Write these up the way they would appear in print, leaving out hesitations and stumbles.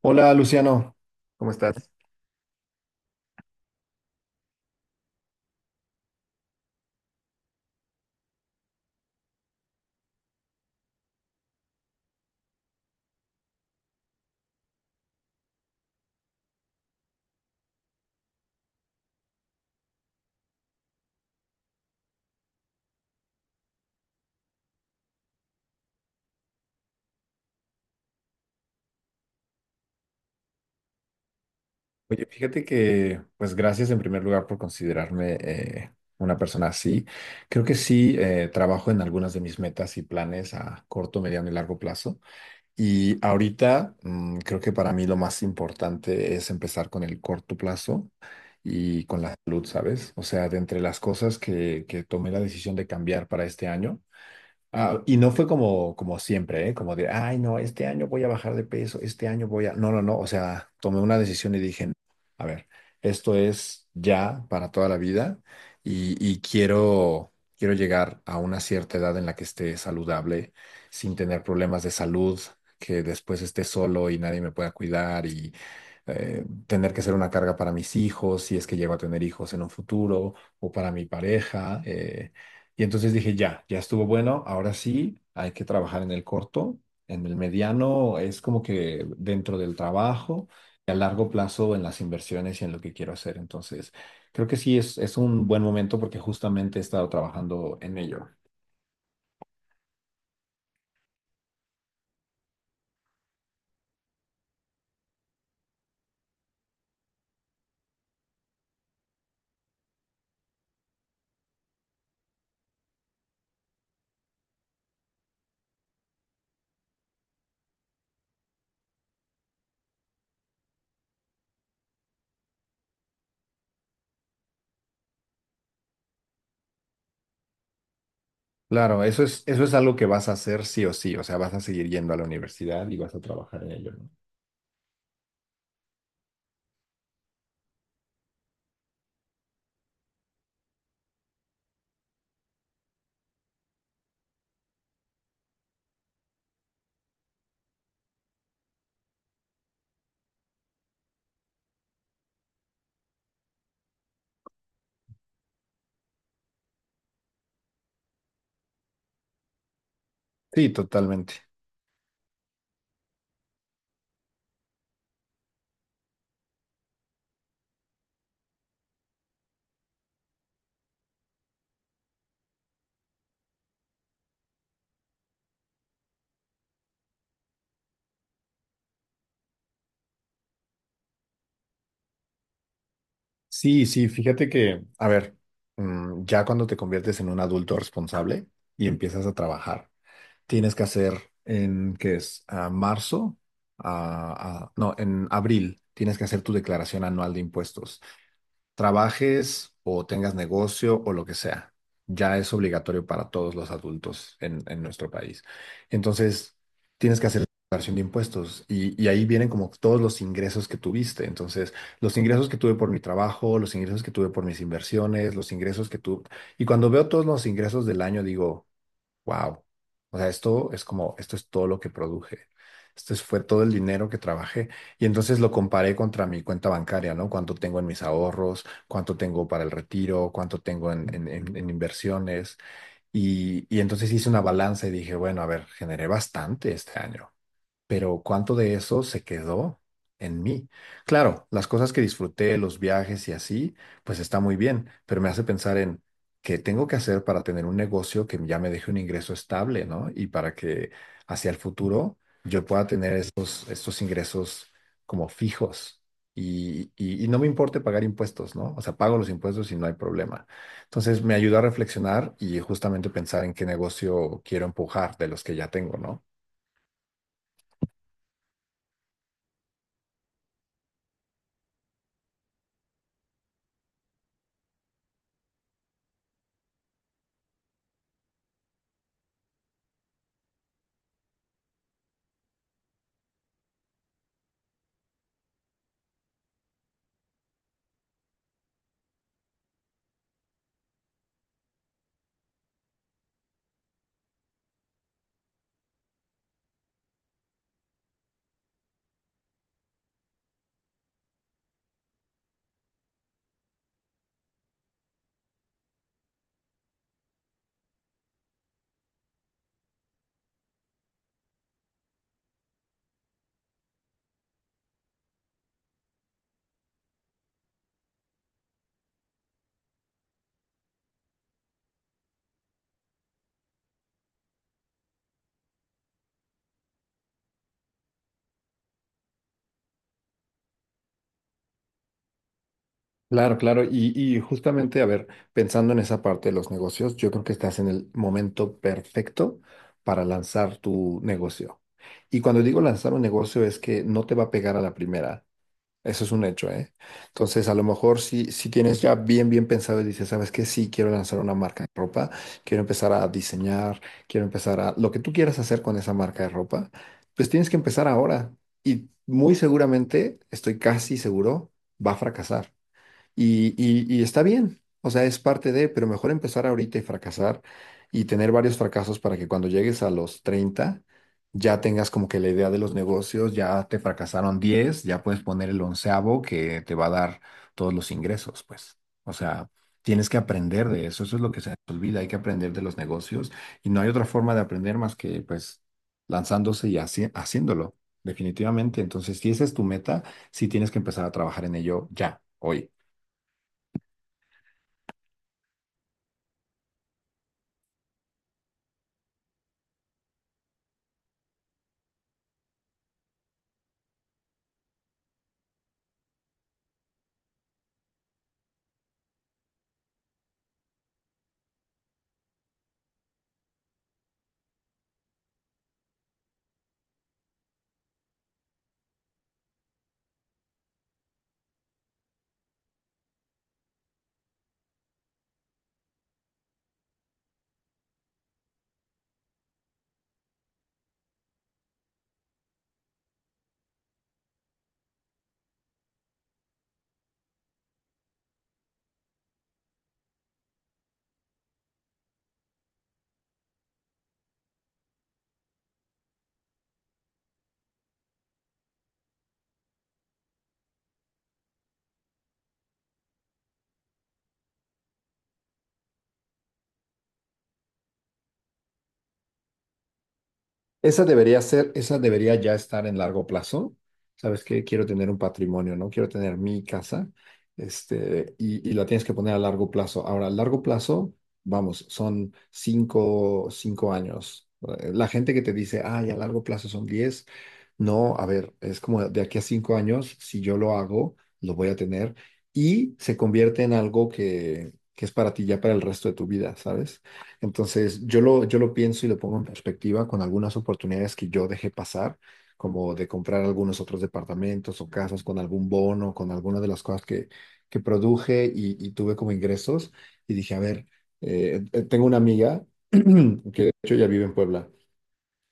Hola Luciano, ¿cómo estás? Oye, fíjate que, pues gracias en primer lugar por considerarme una persona así. Creo que sí, trabajo en algunas de mis metas y planes a corto, mediano y largo plazo. Y ahorita creo que para mí lo más importante es empezar con el corto plazo y con la salud, ¿sabes? O sea, de entre las cosas que tomé la decisión de cambiar para este año. Ah, y no fue como siempre, ¿eh? Como de, ay, no, este año voy a bajar de peso, No, no, no, o sea, tomé una decisión y dije, a ver, esto es ya para toda la vida y quiero llegar a una cierta edad en la que esté saludable, sin tener problemas de salud, que después esté solo y nadie me pueda cuidar y tener que ser una carga para mis hijos, si es que llego a tener hijos en un futuro, o para mi pareja. Y entonces dije, ya, ya estuvo bueno, ahora sí, hay que trabajar en el corto, en el mediano, es como que dentro del trabajo y a largo plazo en las inversiones y en lo que quiero hacer. Entonces, creo que sí es un buen momento porque justamente he estado trabajando en ello. Claro, eso es algo que vas a hacer sí o sí, o sea, vas a seguir yendo a la universidad y vas a trabajar en ello, ¿no? Sí, totalmente. Sí, sí, fíjate que, a ver, ya cuando te conviertes en un adulto responsable y empiezas a trabajar. Tienes que hacer en, ¿qué es? A marzo, no, en abril tienes que hacer tu declaración anual de impuestos. Trabajes o tengas negocio o lo que sea. Ya es obligatorio para todos los adultos en nuestro país. Entonces, tienes que hacer tu declaración de impuestos y ahí vienen como todos los ingresos que tuviste. Entonces, los ingresos que tuve por mi trabajo, los ingresos que tuve por mis inversiones, los ingresos que tuve. Y cuando veo todos los ingresos del año, digo. Wow. O sea, esto es como, esto es todo lo que produje. Fue todo el dinero que trabajé. Y entonces lo comparé contra mi cuenta bancaria, ¿no? Cuánto tengo en mis ahorros, cuánto tengo para el retiro, cuánto tengo en inversiones. Y entonces hice una balanza y dije, bueno, a ver, generé bastante este año pero ¿cuánto de eso se quedó en mí? Claro, las cosas que disfruté, los viajes y así, pues está muy bien, pero me hace pensar en qué tengo que hacer para tener un negocio que ya me deje un ingreso estable, ¿no? Y para que hacia el futuro yo pueda tener estos ingresos como fijos. Y no me importe pagar impuestos, ¿no? O sea, pago los impuestos y no hay problema. Entonces me ayudó a reflexionar y justamente pensar en qué negocio quiero empujar de los que ya tengo, ¿no? Claro, claro. Y justamente, a ver, pensando en esa parte de los negocios, yo creo que estás en el momento perfecto para lanzar tu negocio. Y cuando digo lanzar un negocio es que no te va a pegar a la primera. Eso es un hecho, ¿eh? Entonces, a lo mejor si tienes ya bien, bien pensado y dices, ¿sabes qué? Sí, quiero lanzar una marca de ropa, quiero empezar a diseñar, Lo que tú quieras hacer con esa marca de ropa, pues tienes que empezar ahora. Y muy seguramente, estoy casi seguro, va a fracasar. Y está bien, o sea, es parte de, pero mejor empezar ahorita y fracasar y tener varios fracasos para que cuando llegues a los 30 ya tengas como que la idea de los negocios, ya te fracasaron 10, ya puedes poner el 11.º que te va a dar todos los ingresos, pues. O sea, tienes que aprender de eso, eso es lo que se nos olvida, hay que aprender de los negocios y no hay otra forma de aprender más que pues lanzándose y haciéndolo, definitivamente. Entonces, si esa es tu meta, sí tienes que empezar a trabajar en ello ya, hoy. Esa debería ser, esa debería ya estar en largo plazo. ¿Sabes qué? Quiero tener un patrimonio, ¿no? Quiero tener mi casa, y la tienes que poner a largo plazo. Ahora, a largo plazo, vamos, son 5, 5 años. La gente que te dice, ay, a largo plazo son 10, no, a ver, es como de aquí a 5 años, si yo lo hago, lo voy a tener y se convierte en algo que es para ti ya para el resto de tu vida, ¿sabes? Entonces, yo lo pienso y lo pongo en perspectiva con algunas oportunidades que yo dejé pasar, como de comprar algunos otros departamentos o casas con algún bono, con alguna de las cosas que produje y tuve como ingresos. Y dije, a ver, tengo una amiga que de hecho ya vive en Puebla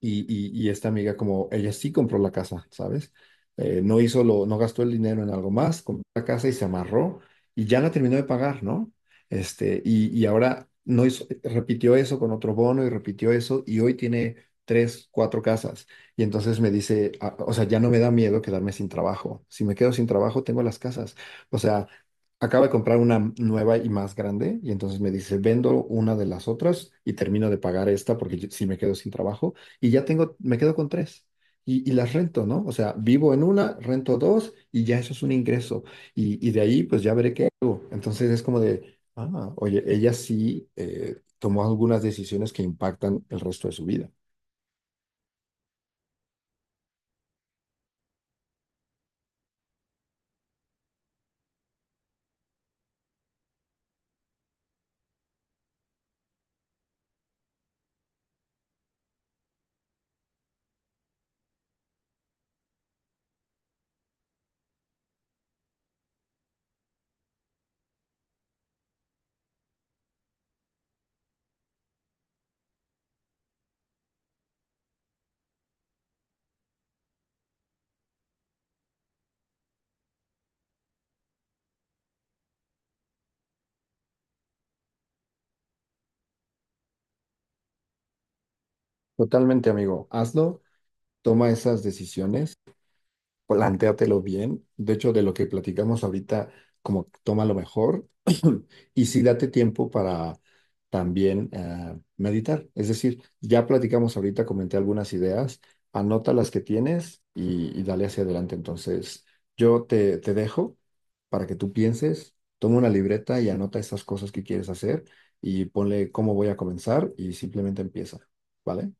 y esta amiga, como ella sí compró la casa, ¿sabes? No gastó el dinero en algo más, compró la casa y se amarró y ya la terminó de pagar, ¿no? Y ahora no hizo, repitió eso con otro bono y repitió eso y hoy tiene tres, cuatro casas. Y entonces me dice, ah, o sea, ya no me da miedo quedarme sin trabajo. Si me quedo sin trabajo, tengo las casas. O sea, acaba de comprar una nueva y más grande y entonces me dice, vendo una de las otras y termino de pagar esta porque si me quedo sin trabajo y ya tengo, me quedo con tres. Y las rento, ¿no? O sea, vivo en una, rento dos y ya eso es un ingreso. Y de ahí pues ya veré qué hago. Entonces es como de, ah, oye, ella sí tomó algunas decisiones que impactan el resto de su vida. Totalmente, amigo. Hazlo, toma esas decisiones. Plantéatelo bien. De hecho, de lo que platicamos ahorita, como toma lo mejor y sí date tiempo para también meditar. Es decir, ya platicamos ahorita, comenté algunas ideas, anota las que tienes y dale hacia adelante. Entonces, yo te dejo para que tú pienses, toma una libreta y anota estas cosas que quieres hacer y ponle cómo voy a comenzar y simplemente empieza, ¿vale?